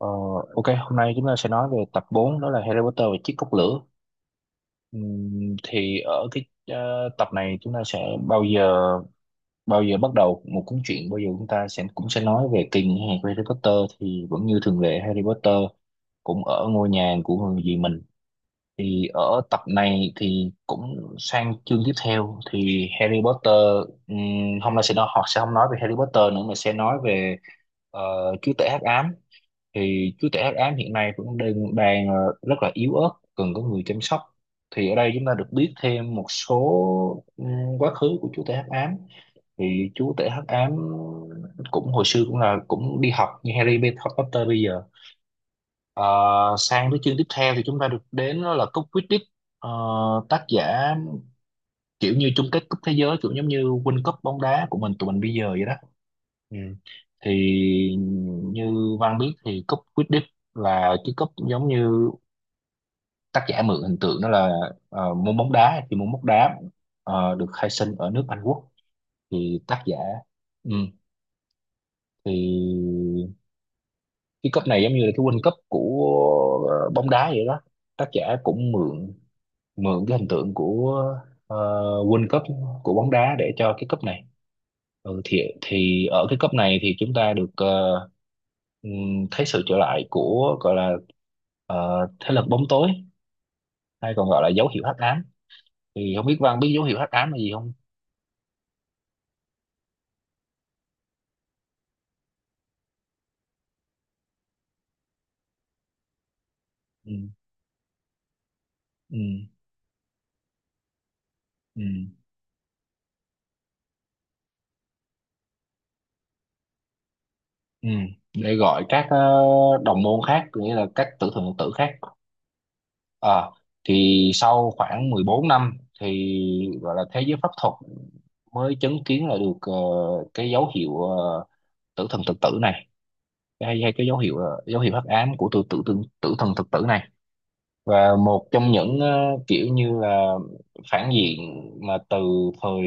Ờ, ok, hôm nay chúng ta sẽ nói về tập bốn, đó là Harry Potter và chiếc cốc lửa. Thì ở tập này chúng ta sẽ bao giờ bắt đầu một cuốn truyện, bao giờ chúng ta sẽ cũng sẽ nói về kỳ nghỉ hè của Harry Potter. Thì vẫn như thường lệ, Harry Potter cũng ở ngôi nhà của người dì mình. Thì ở tập này thì cũng sang chương tiếp theo, thì Harry Potter hôm nay sẽ nói, họ sẽ không nói về Harry Potter nữa mà sẽ nói về ờ, chúa tể hắc ám. Thì chú trẻ Hát ám hiện nay cũng đang đang rất là yếu ớt, cần có người chăm sóc. Thì ở đây chúng ta được biết thêm một số ừm, quá khứ của chú tể hắc ám. Thì chú tể hắc ám cũng hồi xưa cũng là cũng đi học như Harry Potter bây giờ. Ờ, Sang tới chương tiếp theo thì chúng ta được đến, đó là cúp Quidditch. Ờ, Tác giả kiểu như chung kết cúp thế giới, kiểu giống như World Cup bóng đá của mình, tụi mình bây giờ vậy đó. Ừ. Thì như Văn biết thì cúp Quidditch là cái cúp giống như tác giả mượn hình tượng, đó là môn bóng đá. Thì môn bóng đá được khai sinh ở nước Anh Quốc. Thì tác giả ừ, thì cái cúp này giống như là cái World Cup của bóng đá vậy đó. Tác giả cũng mượn mượn cái hình tượng của ờ, World Cup của bóng đá để cho cái cúp này. Ừ, thì ở cái cấp này thì chúng ta được thấy sự trở lại của gọi là ờ, thế lực bóng tối hay còn gọi là dấu hiệu hắc ám. Thì không biết Văn biết dấu hiệu hắc ám là gì không? Ừ, ừ, ừ, ừ. Để gọi các đồng môn khác, có nghĩa là các tử thần phật tử khác. Ờ, thì sau khoảng 14 năm thì gọi là thế giới pháp thuật mới chứng kiến là được cái dấu hiệu tử thần thực tử này, hay hay cái dấu hiệu dấu hiệu hắc ám của tự tự tử, tử thần thực tử này. Và một trong những kiểu như là phản diện mà từ thời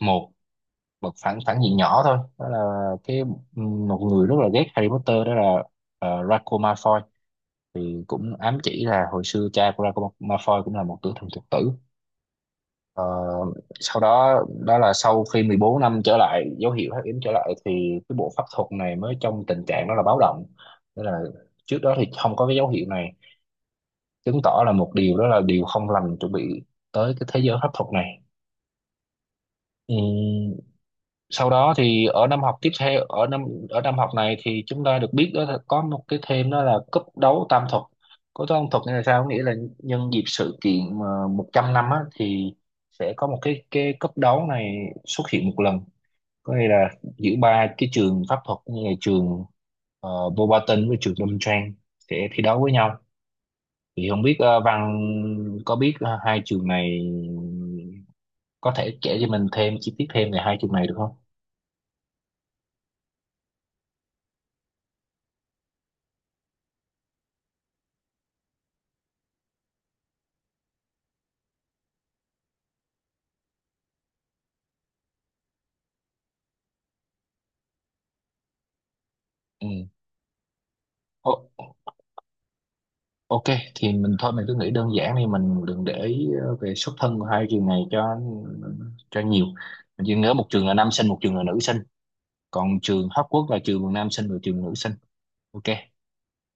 một một phản phản diện nhỏ thôi, đó là cái một người rất là ghét Harry Potter, đó là Draco Malfoy. Thì cũng ám chỉ là hồi xưa cha của Draco Malfoy cũng là một tử thần thực tử. Ờ, sau đó đó là sau khi 14 năm trở lại, dấu hiệu hắc yếm trở lại, thì cái bộ pháp thuật này mới trong tình trạng đó là báo động. Tức là trước đó thì không có cái dấu hiệu này, chứng tỏ là một điều, đó là điều không lành chuẩn bị tới cái thế giới pháp thuật này. Ừ, sau đó thì ở năm học tiếp theo, ở năm học này thì chúng ta được biết, đó là có một cái thêm, đó là cúp đấu tam thuật. Cúp đấu tam thuật nghĩa là sao? Có nghĩa là nhân dịp sự kiện mà 100 năm á, thì sẽ có một cái cúp đấu này xuất hiện một lần. Có nghĩa là giữa ba cái trường pháp thuật, như là trường Bobaton với trường Đâm Trang sẽ thi đấu với nhau. Thì không biết Văn có biết hai trường này, có thể kể cho mình thêm chi tiết thêm về hai trường này được không? Ừ. Ok, thì mình thôi, mình cứ nghĩ đơn giản đi, mình đừng để ý về xuất thân của hai trường này cho nhiều. Mình chỉ nhớ một trường là nam sinh, một trường là nữ sinh. Còn trường Hóc Quốc là trường nam sinh và trường nữ sinh. Ok.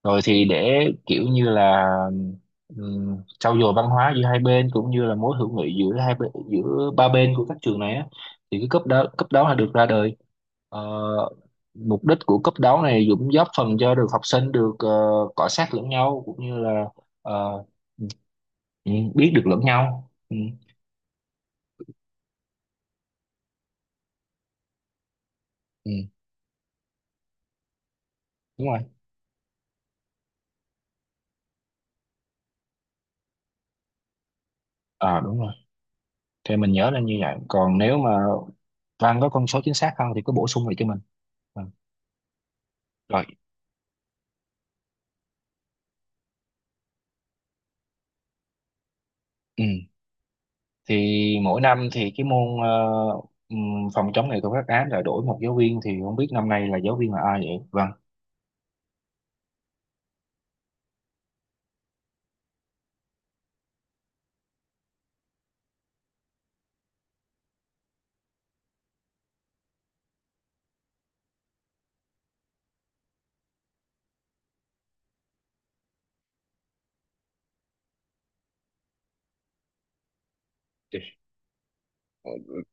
Rồi thì để kiểu như là trau dồi văn hóa giữa hai bên cũng như là mối hữu nghị giữa hai bên, giữa ba bên của các trường này á, thì cái cấp đó là được ra đời. Ờ, mục đích của cấp đấu này cũng góp phần cho được học sinh được cọ xát lẫn nhau cũng như là ờ, ừ, biết được lẫn nhau. Ừ, ừ, đúng rồi. À, đúng rồi, thì mình nhớ là như vậy. Còn nếu mà Văn có con số chính xác không thì cứ bổ sung lại cho mình. Ừ. Rồi ừ, thì mỗi năm thì cái môn ừm, phòng chống nghệ thuật phát án lại đổi một giáo viên. Thì không biết năm nay là giáo viên là ai vậy Vâng?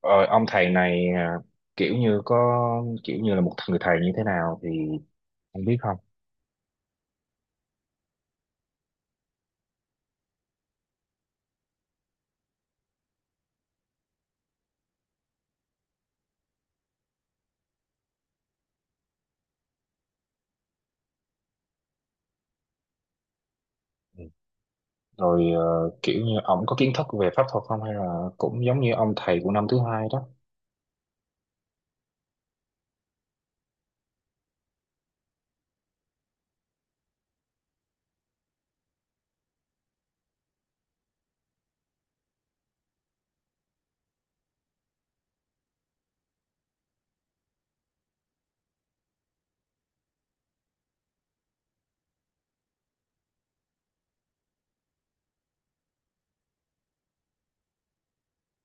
Ờ, ông thầy này à, kiểu như có kiểu như là một người thầy như thế nào thì không biết không? Ừ. Rồi kiểu như ông có kiến thức về pháp thuật không, hay là cũng giống như ông thầy của năm thứ hai đó?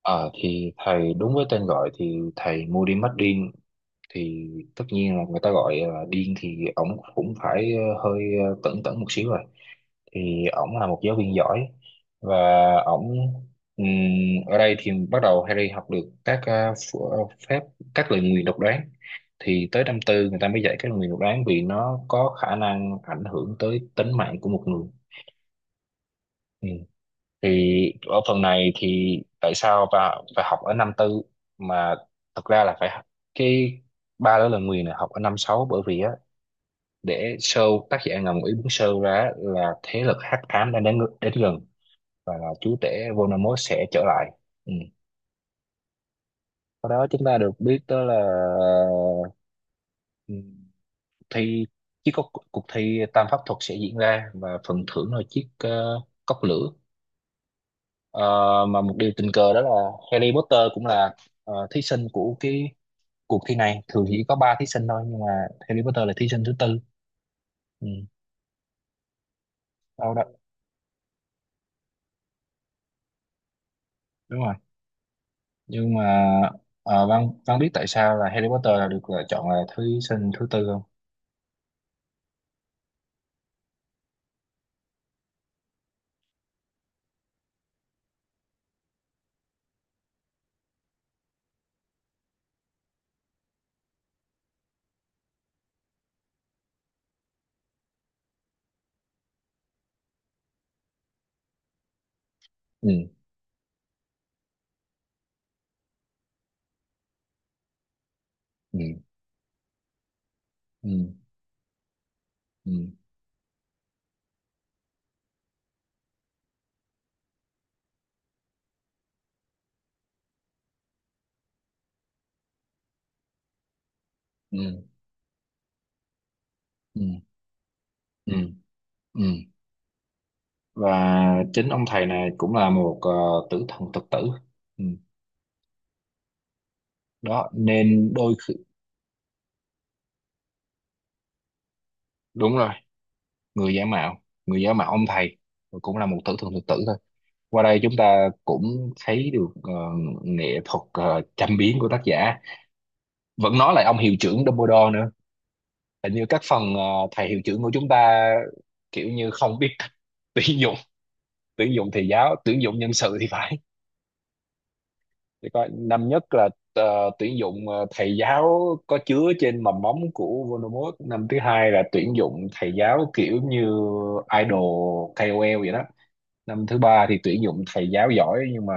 Ờ thì thầy đúng với tên gọi thì thầy Moody Martin, thì tất nhiên là người ta gọi là điên thì ổng cũng phải hơi tẩn tẩn một xíu rồi. Thì ổng là một giáo viên giỏi và ổng ừm, ở đây thì bắt đầu Harry học được các phép các lời nguyền độc đoán. Thì tới năm tư người ta mới dạy các lời nguyền độc đoán vì nó có khả năng ảnh hưởng tới tính mạng của một người. Thì ở phần này thì tại sao bà phải học ở năm tư mà thật ra là phải học- cái ba đó là Nguyền là học ở năm sáu, bởi vì á để show, tác giả ngầm ý muốn show ra là thế lực hắc ám đang đến đến gần và là chúa tể Voldemort sẽ trở lại. Ừ. Sau đó chúng ta được biết, đó là ừ, thi chiếc cốc, cuộc cuộc thi tam pháp thuật sẽ diễn ra và phần thưởng là chiếc cốc lửa. Ờ, mà một điều tình cờ đó là Harry Potter cũng là thí sinh của cái cuộc thi này. Thường chỉ có ba thí sinh thôi nhưng mà Harry Potter là thí sinh thứ tư. Ừ, đâu đó đúng rồi. Nhưng mà Văn Văn biết tại sao là Harry Potter là được lựa chọn là thí sinh thứ tư không? Ừ ừ ừ ừ ừ ừ ừ ừ. Và chính ông thầy này cũng là một tử thần thực tử. Ừ. Đó nên đôi khi đúng rồi, người giả mạo, người giả mạo ông thầy cũng là một tử thần thực tử thôi. Qua đây chúng ta cũng thấy được nghệ thuật châm biếm của tác giả. Vẫn nói lại ông hiệu trưởng Dumbledore nữa, hình như các phần thầy hiệu trưởng của chúng ta kiểu như không biết cách tuyển dụng tuyển dụng thầy giáo, tuyển dụng nhân sự thì phải. Thì coi năm nhất là tuyển dụng thầy giáo có chứa trên mầm móng của Voldemort, năm thứ hai là tuyển dụng thầy giáo kiểu như idol ca o KOL vậy đó, năm thứ ba thì tuyển dụng thầy giáo giỏi nhưng mà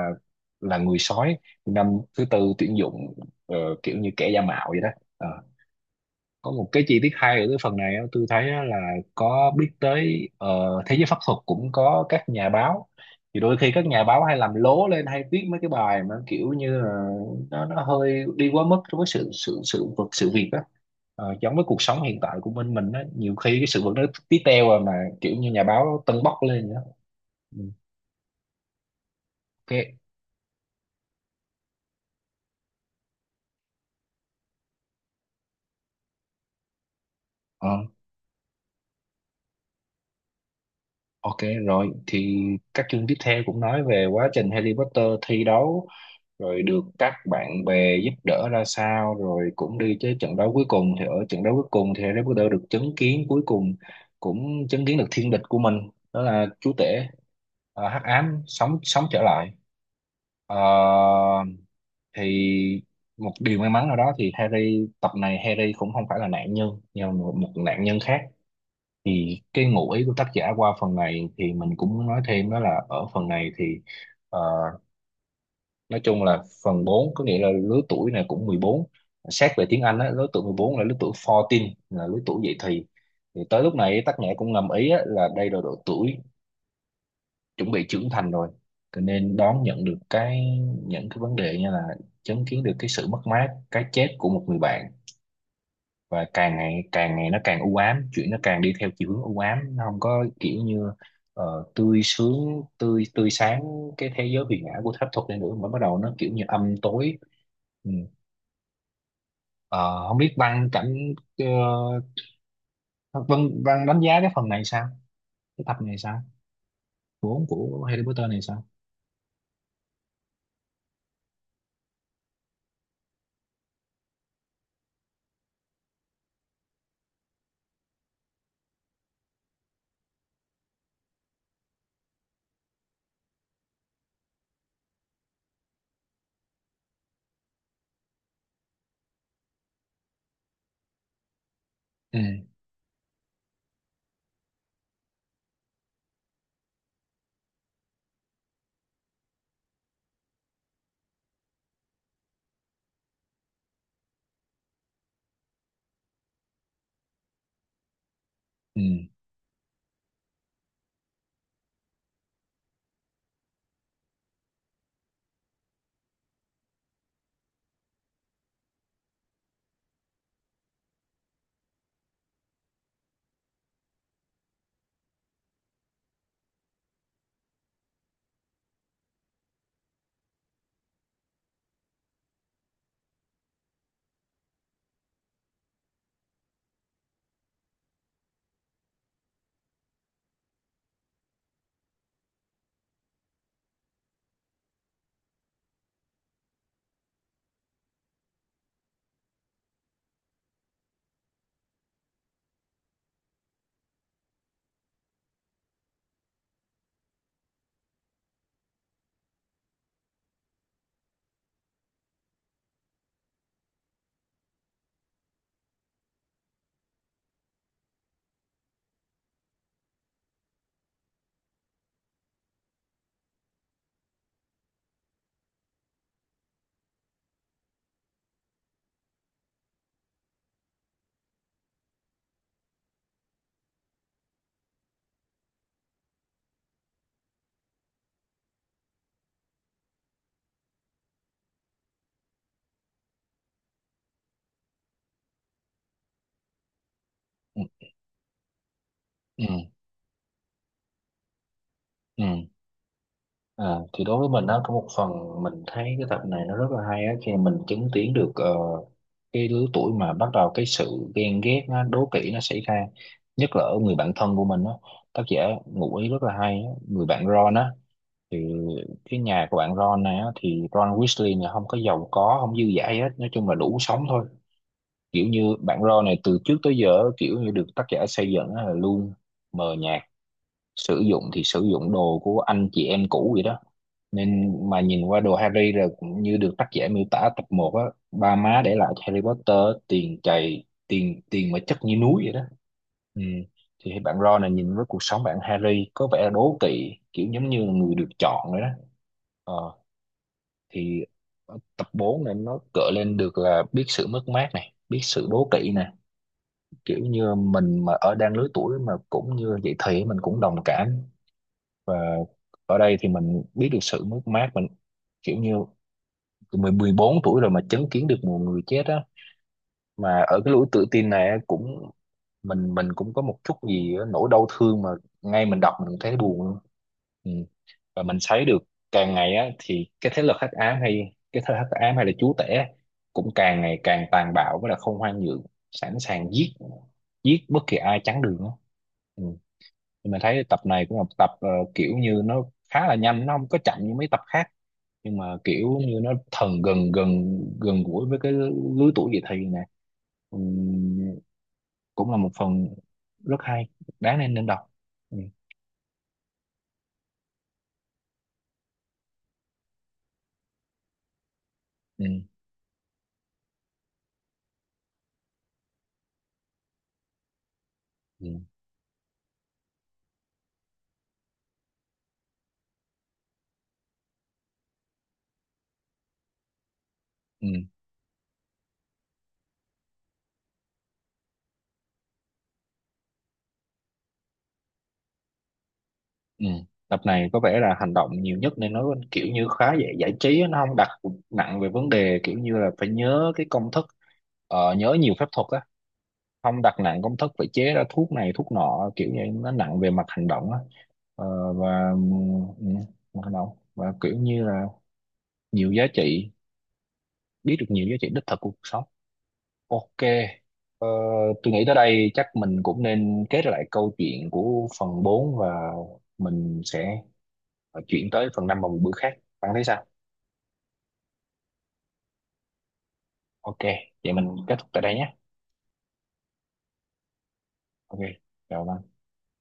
là người sói, năm thứ tư tuyển dụng ờ, kiểu như kẻ giả mạo vậy đó. Ờ. Có một cái chi tiết hay ở cái phần này á, tôi thấy á là có biết tới thế giới pháp thuật cũng có các nhà báo. Thì đôi khi các nhà báo hay làm lố lên, hay viết mấy cái bài mà kiểu như là nó hơi đi quá mức với sự sự sự vật sự việc đó. Ờ, giống với cuộc sống hiện tại của bên mình á, nhiều khi cái sự vật nó tí teo rồi mà kiểu như nhà báo tâng bốc lên vậy đó. Ừ, ok. Ờ. Ok, rồi thì các chương tiếp theo cũng nói về quá trình Harry Potter thi đấu rồi được các bạn bè giúp đỡ ra sao, rồi cũng đi tới trận đấu cuối cùng. Thì ở trận đấu cuối cùng thì Harry Potter được chứng kiến, cuối cùng cũng chứng kiến được thiên địch của mình, đó là chúa tể hắc ám sống sống trở lại. Ờ, thì một điều may mắn nào đó thì Harry tập này Harry cũng không phải là nạn nhân, nhưng mà một nạn nhân khác. Thì cái ngụ ý của tác giả qua phần này thì mình cũng muốn nói thêm, đó là ở phần này thì ờ, nói chung là phần bốn, có nghĩa là lứa tuổi này cũng mười bốn. Xét về tiếng Anh á, lứa tuổi 14 là lứa tuổi 14, là lứa tuổi dậy thì. Thì tới lúc này tác giả cũng ngầm ý á, là đây là độ tuổi chuẩn bị trưởng thành rồi, cho nên đón nhận được cái những cái vấn đề như là chứng kiến được cái sự mất mát, cái chết của một người bạn. Và càng ngày nó càng u ám, chuyện nó càng đi theo chiều hướng u ám, nó không có kiểu như tươi sướng, tươi tươi sáng cái thế giới huyền ảo của phép thuật này nữa, mà bắt đầu nó kiểu như âm tối. Ừ. Ờ, Không biết Văn cảm, ờ, Văn Văn đánh giá cái phần này sao, cái tập này sao, của Harry Potter này sao? Ừ, ừ, ừ, ừ, ừ. À, thì đối với mình á, có một phần mình thấy cái tập này nó rất là hay á, khi mà mình chứng kiến được cái lứa tuổi mà bắt đầu cái sự ghen ghét nó đố kỵ nó xảy ra, nhất là ở người bạn thân của mình á. Tác giả ngụ ý rất là hay á. Người bạn Ron á, thì cái nhà của bạn Ron này á, thì Ron Weasley này không có giàu có, không dư dả gì hết, nói chung là đủ sống thôi. Kiểu như bạn Ron này từ trước tới giờ kiểu như được tác giả xây dựng á là luôn mờ nhạt, sử dụng thì sử dụng đồ của anh chị em cũ vậy đó. Nên mà nhìn qua đồ Harry rồi, cũng như được tác giả miêu tả tập một á, ba má để lại cho Harry Potter tiền chày, tiền tiền mà chất như núi vậy đó. Ừ. Thì bạn Ron này nhìn với cuộc sống bạn Harry có vẻ đố kỵ, kiểu giống như là người được chọn vậy đó. ờ, thì ở tập 4 này nó gợi lên được là biết sự mất mát này, biết sự đố kỵ này, kiểu như mình mà ở đang lứa tuổi mà cũng như vậy thì mình cũng đồng cảm. Và ở đây thì mình biết được sự mất mát mình, kiểu như 14 tuổi rồi mà chứng kiến được một người chết á, mà ở cái lối tự tin này á, cũng mình cũng có một chút gì á, nỗi đau thương mà ngay mình đọc mình cũng thấy buồn luôn. Ừ. Và mình thấy được càng ngày á thì cái thế lực hắc ám, hay cái thế lực hắc ám hay là chúa tể á, cũng càng ngày càng tàn bạo, với là không khoan nhượng, sẵn sàng giết giết bất kỳ ai chắn đường á. Ừ. Nhưng mà thấy tập này cũng là một tập, kiểu như nó khá là nhanh, nó không có chậm như mấy tập khác, nhưng mà kiểu như nó thần gần gần gần gũi với cái lứa tuổi dậy thì nè. Ừm, cũng là một phần rất hay, đáng nên nên đọc. Ừ, ừ, ừ, ừ, ừ. Tập này có vẻ là hành động nhiều nhất nên nó kiểu như khá dễ giải trí á, nó không đặt nặng về vấn đề kiểu như là phải nhớ cái công thức, nhớ nhiều phép thuật á, không đặt nặng công thức phải chế ra thuốc này thuốc nọ, kiểu như nó nặng về mặt hành động á. Ờ, và ừ, mặt hành động, và kiểu như là nhiều giá trị, biết được nhiều giá trị đích thực của cuộc sống. Ok. ờ, tôi nghĩ tới đây chắc mình cũng nên kết lại câu chuyện của phần bốn, và mình sẽ chuyển tới phần 5 vào một bữa khác. Bạn thấy sao? Ok, vậy mình kết thúc tại đây nhé. Ok, chào bạn.